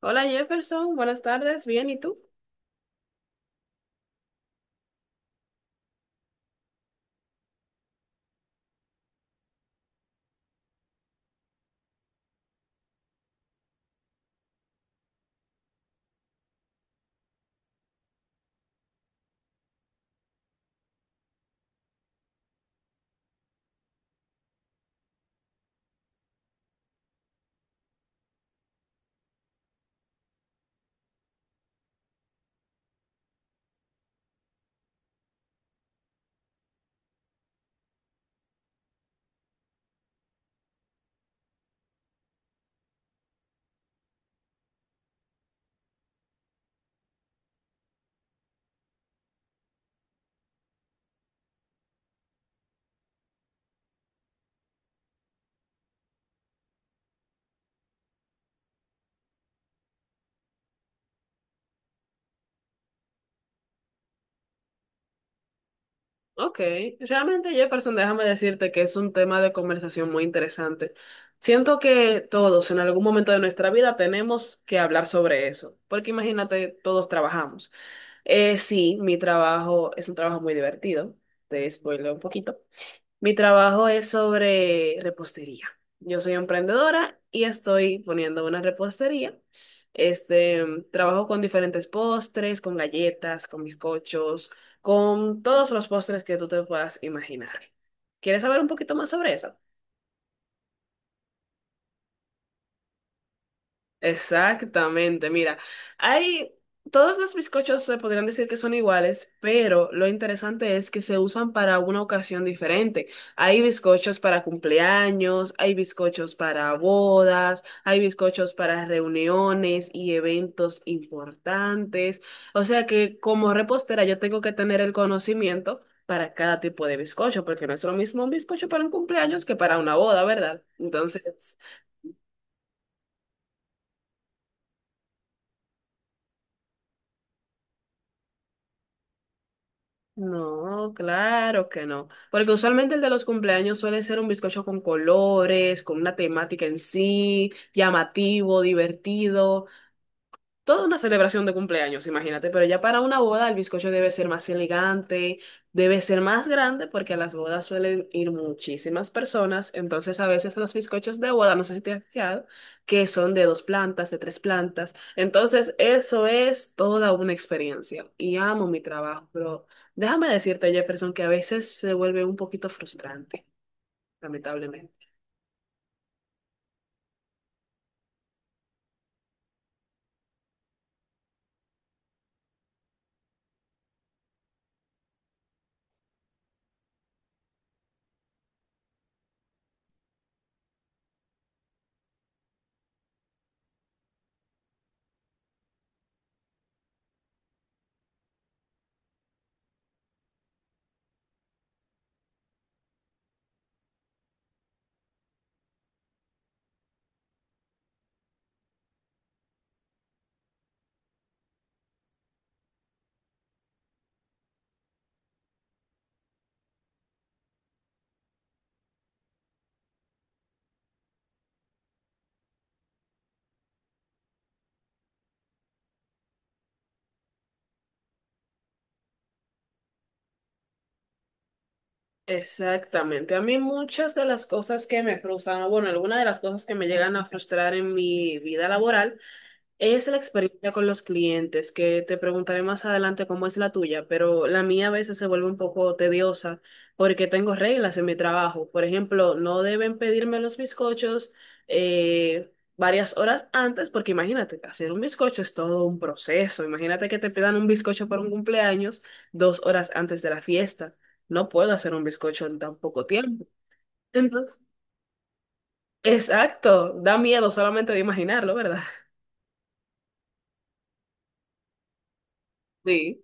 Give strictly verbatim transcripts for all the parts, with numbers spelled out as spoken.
Hola Jefferson, buenas tardes, bien, ¿y tú? Ok, realmente Jefferson, déjame decirte que es un tema de conversación muy interesante. Siento que todos en algún momento de nuestra vida tenemos que hablar sobre eso, porque imagínate, todos trabajamos. Eh, sí, mi trabajo es un trabajo muy divertido, te spoileo un poquito, mi trabajo es sobre repostería. Yo soy emprendedora y estoy poniendo una repostería. Este, trabajo con diferentes postres, con galletas, con bizcochos, con todos los postres que tú te puedas imaginar. ¿Quieres saber un poquito más sobre eso? Exactamente, mira, hay todos los bizcochos se podrían decir que son iguales, pero lo interesante es que se usan para una ocasión diferente. Hay bizcochos para cumpleaños, hay bizcochos para bodas, hay bizcochos para reuniones y eventos importantes. O sea que como repostera yo tengo que tener el conocimiento para cada tipo de bizcocho, porque no es lo mismo un bizcocho para un cumpleaños que para una boda, ¿verdad? Entonces... No, claro que no. Porque usualmente el de los cumpleaños suele ser un bizcocho con colores, con una temática en sí, llamativo, divertido, toda una celebración de cumpleaños, imagínate, pero ya para una boda el bizcocho debe ser más elegante, debe ser más grande porque a las bodas suelen ir muchísimas personas. Entonces a veces los bizcochos de boda, no sé si te has fijado, que son de dos plantas, de tres plantas, entonces eso es toda una experiencia y amo mi trabajo, pero déjame decirte, Jefferson, que a veces se vuelve un poquito frustrante, lamentablemente. Exactamente. A mí muchas de las cosas que me frustran, o bueno, algunas de las cosas que me llegan a frustrar en mi vida laboral es la experiencia con los clientes, que te preguntaré más adelante cómo es la tuya, pero la mía a veces se vuelve un poco tediosa porque tengo reglas en mi trabajo. Por ejemplo, no deben pedirme los bizcochos eh, varias horas antes, porque imagínate, hacer un bizcocho es todo un proceso. Imagínate que te pidan un bizcocho para un cumpleaños dos horas antes de la fiesta. No puedo hacer un bizcocho en tan poco tiempo. Entonces, exacto, da miedo solamente de imaginarlo, ¿verdad? Sí.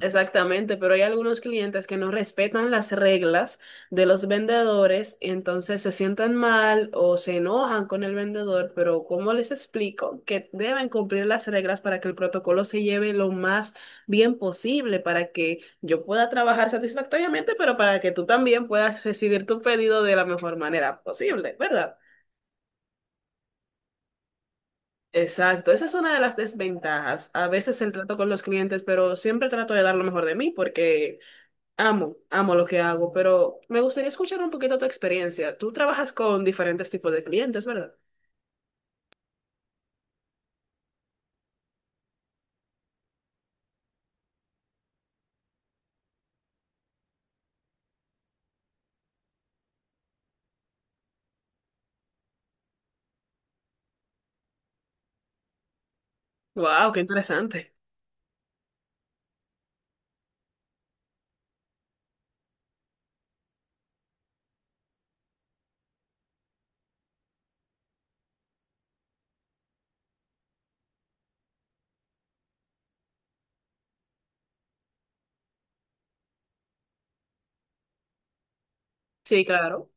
Exactamente, pero hay algunos clientes que no respetan las reglas de los vendedores, y entonces se sientan mal o se enojan con el vendedor, pero ¿cómo les explico? Que deben cumplir las reglas para que el protocolo se lleve lo más bien posible, para que yo pueda trabajar satisfactoriamente, pero para que tú también puedas recibir tu pedido de la mejor manera posible, ¿verdad? Exacto, esa es una de las desventajas. A veces el trato con los clientes, pero siempre trato de dar lo mejor de mí porque amo, amo lo que hago, pero me gustaría escuchar un poquito tu experiencia. Tú trabajas con diferentes tipos de clientes, ¿verdad? Wow, qué interesante. Sí, claro.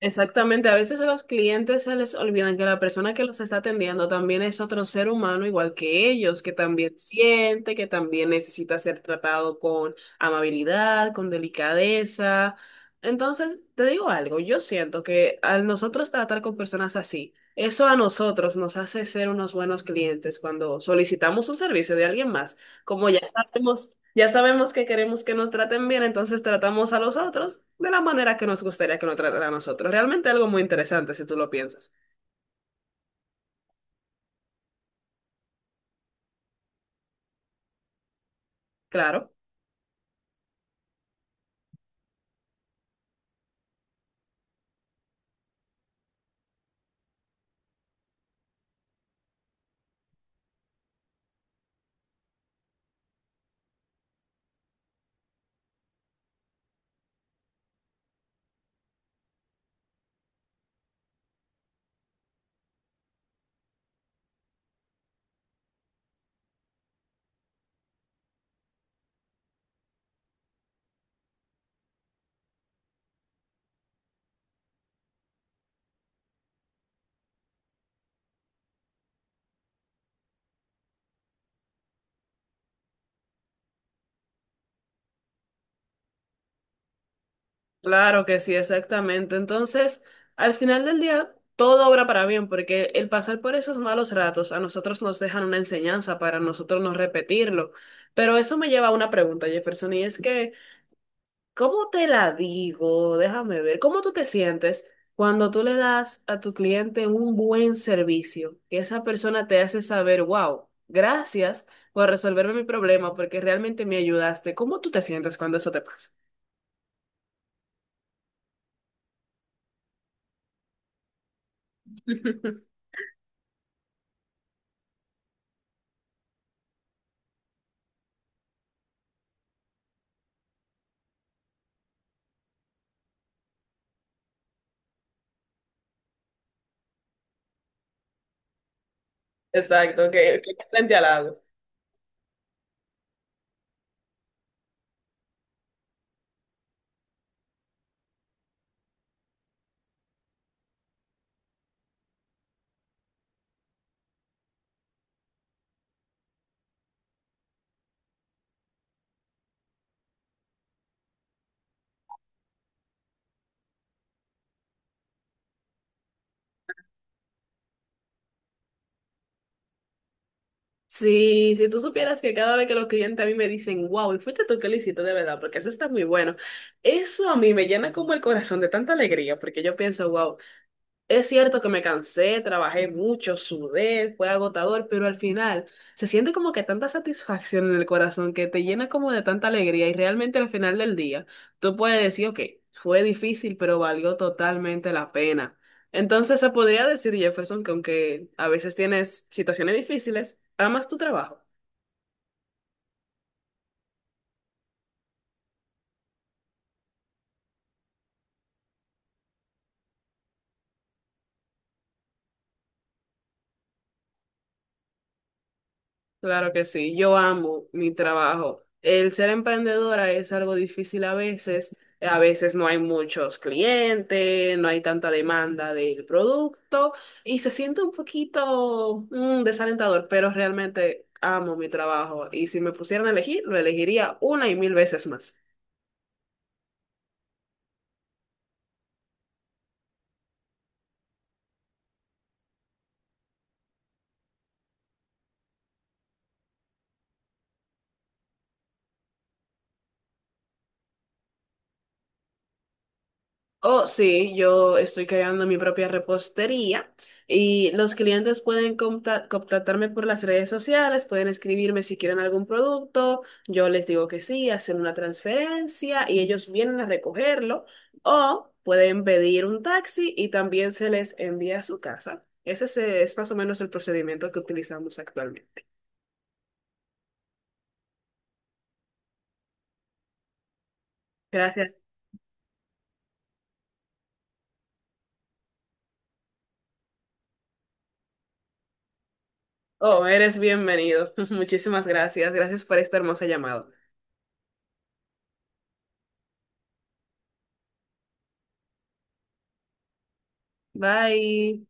Exactamente, a veces a los clientes se les olvidan que la persona que los está atendiendo también es otro ser humano igual que ellos, que también siente, que también necesita ser tratado con amabilidad, con delicadeza. Entonces, te digo algo, yo siento que al nosotros tratar con personas así, eso a nosotros nos hace ser unos buenos clientes cuando solicitamos un servicio de alguien más. Como ya sabemos, ya sabemos que queremos que nos traten bien, entonces tratamos a los otros de la manera que nos gustaría que nos trataran a nosotros. Realmente algo muy interesante si tú lo piensas. Claro, claro que sí, exactamente. Entonces, al final del día, todo obra para bien, porque el pasar por esos malos ratos a nosotros nos dejan una enseñanza para nosotros no repetirlo. Pero eso me lleva a una pregunta, Jefferson, y es que ¿cómo te la digo? Déjame ver. ¿Cómo tú te sientes cuando tú le das a tu cliente un buen servicio? Que esa persona te hace saber, wow, gracias por resolverme mi problema porque realmente me ayudaste. ¿Cómo tú te sientes cuando eso te pasa? Exacto, que, que frente al lago. Sí, si tú supieras que cada vez que los clientes a mí me dicen, wow, y fuiste tú que lo hiciste de verdad, porque eso está muy bueno, eso a mí me llena como el corazón de tanta alegría, porque yo pienso, wow. Es cierto que me cansé, trabajé mucho, sudé, fue agotador, pero al final se siente como que tanta satisfacción en el corazón que te llena como de tanta alegría y realmente al final del día tú puedes decir, ok, fue difícil, pero valió totalmente la pena. Entonces se podría decir, Jefferson, que aunque a veces tienes situaciones difíciles, amas tu trabajo. Claro que sí, yo amo mi trabajo. El ser emprendedora es algo difícil a veces, a veces no hay muchos clientes, no hay tanta demanda del producto y se siente un poquito mm, desalentador, pero realmente amo mi trabajo y si me pusieran a elegir, lo elegiría una y mil veces más. Oh, sí, yo estoy creando mi propia repostería y los clientes pueden conta- contactarme por las redes sociales, pueden escribirme si quieren algún producto, yo les digo que sí, hacen una transferencia y ellos vienen a recogerlo o pueden pedir un taxi y también se les envía a su casa. Ese es, eh, es más o menos el procedimiento que utilizamos actualmente. Gracias. Oh, eres bienvenido. Muchísimas gracias. Gracias por esta hermosa llamada. Bye.